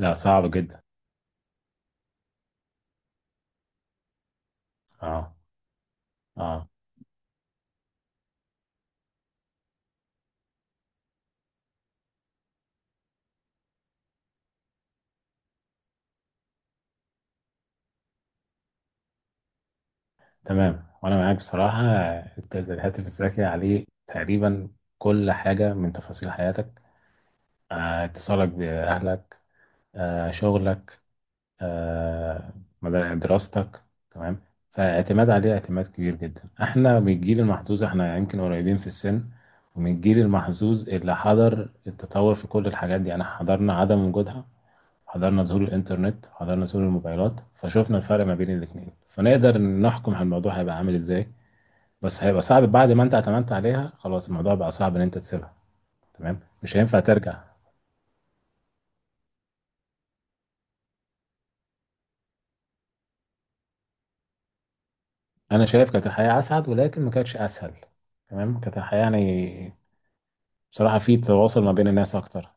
لا، صعب جدا. اه. اه. تمام، وانا معاك بصراحة. الهاتف الذكي عليه تقريبا كل حاجة من تفاصيل حياتك، اتصالك بأهلك، شغلك، آه دراستك، تمام. فاعتماد عليه اعتماد كبير جدا. احنا من الجيل المحظوظ، احنا يمكن قريبين في السن، ومن الجيل المحظوظ اللي حضر التطور في كل الحاجات دي. يعني حضرنا عدم وجودها، حضرنا ظهور الإنترنت، حضرنا ظهور الموبايلات، فشوفنا الفرق ما بين الاتنين، فنقدر نحكم على الموضوع هيبقى عامل إزاي. بس هيبقى صعب بعد ما أنت اعتمدت عليها خلاص. الموضوع بقى صعب إن أنت تسيبها، تمام، مش هينفع ترجع. أنا شايف كانت الحياة أسعد ولكن ما كانتش أسهل. تمام، كانت الحياة يعني بصراحة في تواصل ما بين الناس أكتر.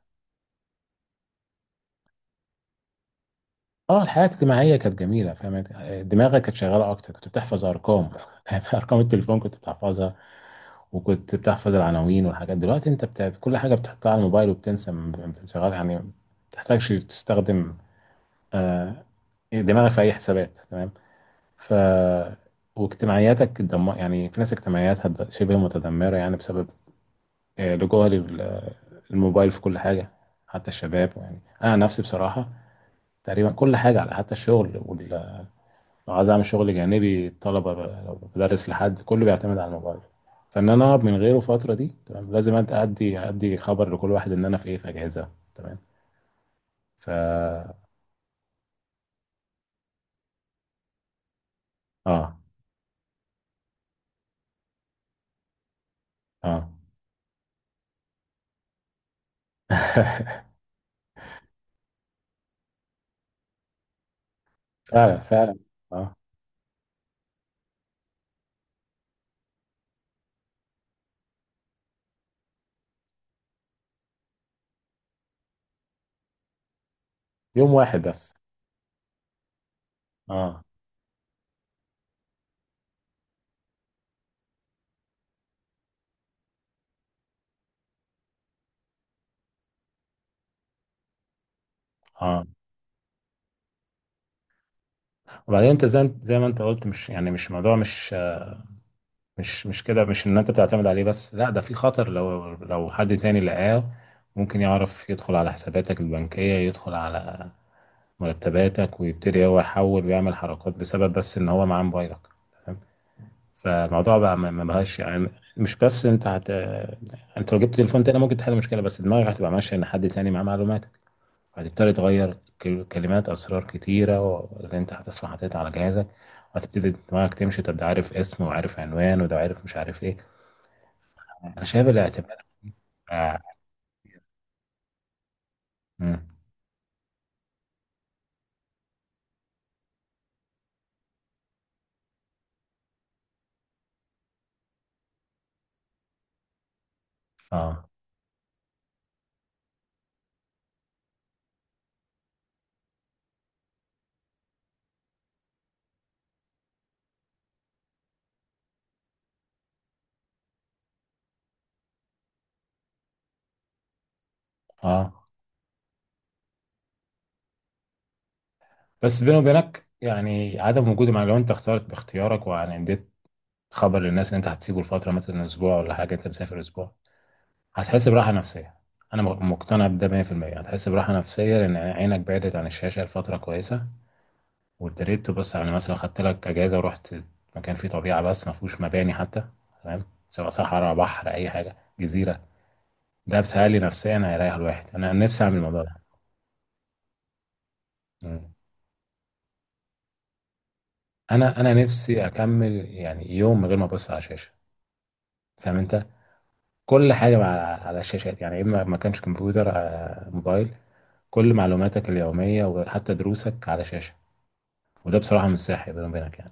اه، الحياة الاجتماعية كانت جميلة، فاهم. دماغك كانت شغالة أكتر، كنت بتحفظ أرقام، فاهم. أرقام التليفون كنت بتحفظها، وكنت بتحفظ العناوين والحاجات. دلوقتي أنت بتاع كل حاجة بتحطها على الموبايل وبتنسى، ما بتشغل يعني ما بتحتاجش تستخدم آه، دماغك في أي حسابات، تمام. ف واجتماعياتك يعني في ناس اجتماعياتها شبه متدمرة، يعني بسبب لجوها للموبايل في كل حاجة. حتى الشباب، يعني أنا عن نفسي بصراحة تقريبا كل حاجة على، حتى الشغل. لو عايز اعمل شغل جانبي الطلبه بقى، لو بدرس لحد، كله بيعتمد على الموبايل. فان انا اقعد من غيره الفتره دي، تمام، لازم ادي خبر لكل واحد ان انا في ايه، في اجهزه، تمام. اه. اه. فعلا فعلا. اه. يوم واحد بس. اه. اه. وبعدين انت زي ما انت قلت، مش ان انت بتعتمد عليه بس. لا، ده في خطر لو حد تاني لقاه، ممكن يعرف يدخل على حساباتك البنكية، يدخل على مرتباتك ويبتدي هو يحول ويعمل حركات، بسبب بس ان هو معاه موبايلك، تمام. فالموضوع بقى ما بقاش يعني. مش بس انت هت انت لو جبت تليفون تاني ممكن تحل المشكله، بس دماغك هتبقى ماشيه ان حد تاني معاه معلوماتك. هتبتدي تغير كلمات اسرار كتيره اللي انت هتصحى حاططها على جهازك. وهتبتدي دماغك تمشي، طب ده عارف اسم وعارف عنوان وده عارف مش عارف ايه. انا شايف الاعتماد. اه. اه. آه. بس بيني وبينك يعني عدم وجود، مع لو انت اخترت باختيارك وعندت تخبر للناس ان انت هتسيبه لفتره مثلا اسبوع ولا حاجه، انت مسافر اسبوع، هتحس براحه نفسيه. انا مقتنع بده 100%، هتحس براحه نفسيه لان عينك بعدت عن الشاشه لفتره كويسه، وابتديت تبص على، مثلا خدت لك اجازه ورحت مكان فيه طبيعه بس ما فيهوش مباني حتى. تمام، سواء صحراء، بحر، اي حاجه، جزيره. ده بتهيألي نفسيا هيريح الواحد، انا نفسي اعمل الموضوع ده. مم. انا نفسي اكمل يعني يوم من غير ما ابص على شاشه، فاهم انت. كل حاجه على الشاشات، يعني اما ما كانش كمبيوتر موبايل، كل معلوماتك اليومية وحتى دروسك على شاشة. وده بصراحة مش صحي بيني وبينك يعني.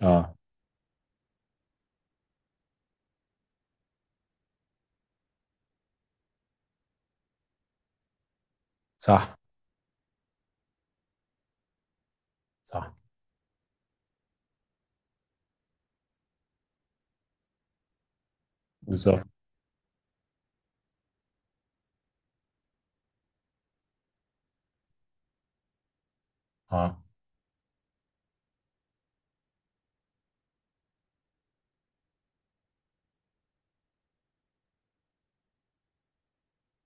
اه. صح، صح. بالظبط. اه.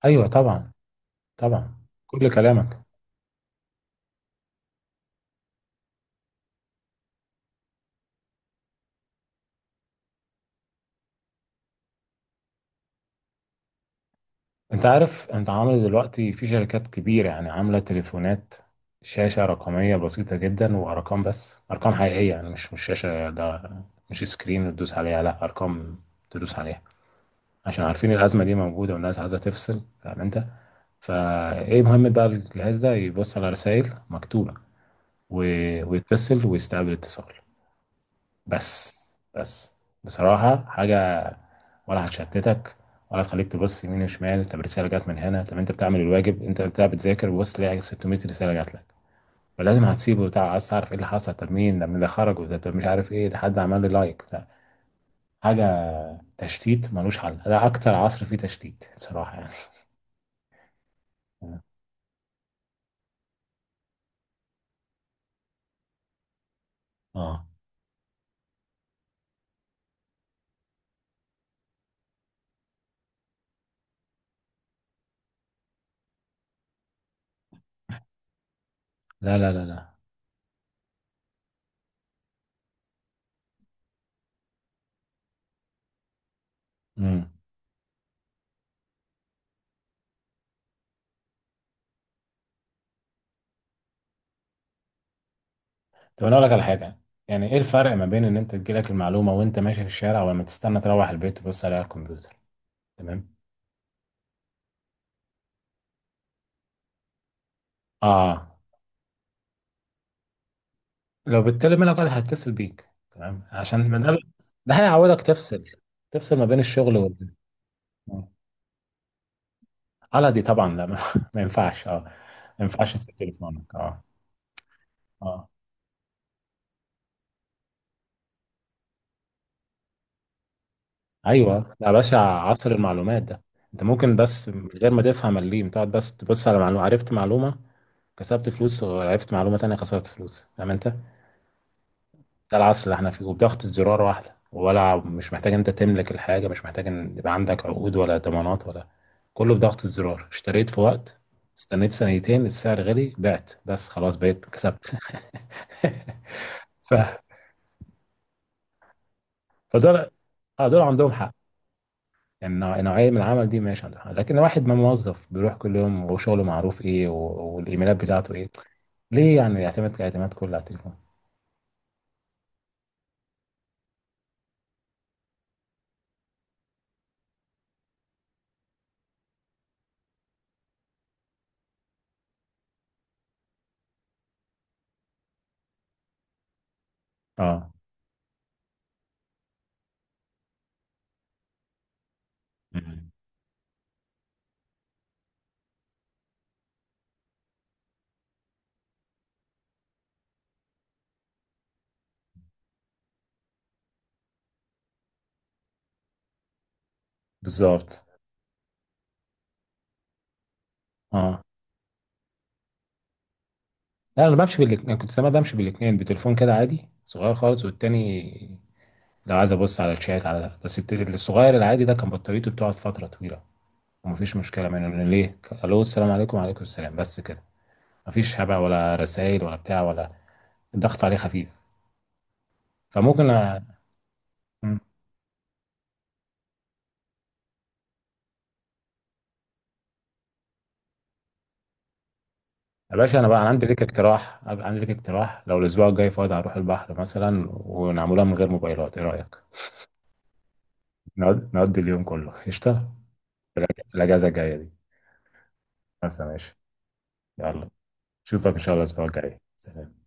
ايوه طبعا، طبعا، كل كلامك. انت عارف انت عامل دلوقتي في شركات كبيرة يعني عاملة تليفونات، شاشة رقمية بسيطة جدا وارقام، بس ارقام حقيقية يعني مش شاشة، ده مش سكرين تدوس عليها، لا ارقام تدوس عليها. عشان عارفين الازمة دي موجودة والناس عايزة تفصل، فاهم انت. فايه مهم بقى الجهاز ده، يبص على رسائل مكتوبة ويتصل ويستقبل اتصال بس. بس بصراحة حاجة ولا هتشتتك ولا هتخليك تبص يمين وشمال. طب رسالة جت من هنا، طب انت بتعمل الواجب، انت بتذاكر وبص تلاقي 600 رسالة جات لك، فلازم هتسيبه، عايز تعرف ايه اللي حصل، طب مين ده، مين ده خرج، وده طب مش عارف ايه، ده حد عمل لي لايك ده، حاجة تشتيت ملوش حل. ده أكتر عصر فيه تشتيت بصراحة يعني. اه. لا، لا، لا، لا. طب انا اقول لك على حاجه. يعني ايه الفرق ما بين ان انت تجيلك المعلومه وانت ماشي في الشارع، ولما تستنى تروح البيت تبص عليها على الكمبيوتر، تمام. اه، لو بالتالي منك واحد هيتصل بيك، تمام، عشان ما ده ده هيعودك تفصل، تفصل ما بين الشغل آه. على دي طبعا لا، ما, ما ينفعش تسيب تليفونك. اه. اه. ايوه، ده يا باشا عصر المعلومات ده. انت ممكن بس من غير ما تفهم الليم تقعد بس تبص على معلومه، عرفت معلومه كسبت فلوس، وعرفت معلومه تانيه خسرت فلوس، فاهم انت. ده العصر اللي احنا فيه، وبضغطة زرار واحدة. ولا مش محتاج انت تملك الحاجة، مش محتاج ان يبقى عندك عقود ولا ضمانات، ولا كله بضغطة زرار، اشتريت في وقت، استنيت سنتين السعر غلي بعت بس خلاص بقيت كسبت. ف... فدول، اه دول عندهم حق. يعني نوعية من العمل دي، ماشي، عندهم حق. لكن واحد ما موظف بيروح كل يوم وشغله معروف ايه والايميلات بتاعته ايه، ليه يعني يعتمد اعتماد كله على التليفون؟ اه. مم. بالظبط. اه. لا، انا بمشي بالاتنين. أنا كنت زمان بمشي بالاتنين، بتليفون كده عادي صغير خالص، والتاني لو عايز ابص على الشات على ده بس. الصغير العادي ده كان بطاريته بتقعد فتره طويله، ومفيش مشكله منه لأن ليه الو، السلام عليكم وعليكم السلام بس كده. مفيش هبع ولا رسائل ولا بتاع ولا، الضغط عليه خفيف. فممكن م. يا باشا انا، بقى أنا عندي ليك اقتراح. أبقى عندي ليك اقتراح لو الاسبوع الجاي فاضي، هنروح البحر مثلا، ونعملها من غير موبايلات، ايه رايك؟ نقضي اليوم كله قشطه، في الاجازه الجايه دي مثلا، ماشي. يلا، اشوفك ان شاء الله الاسبوع الجاي، سلام.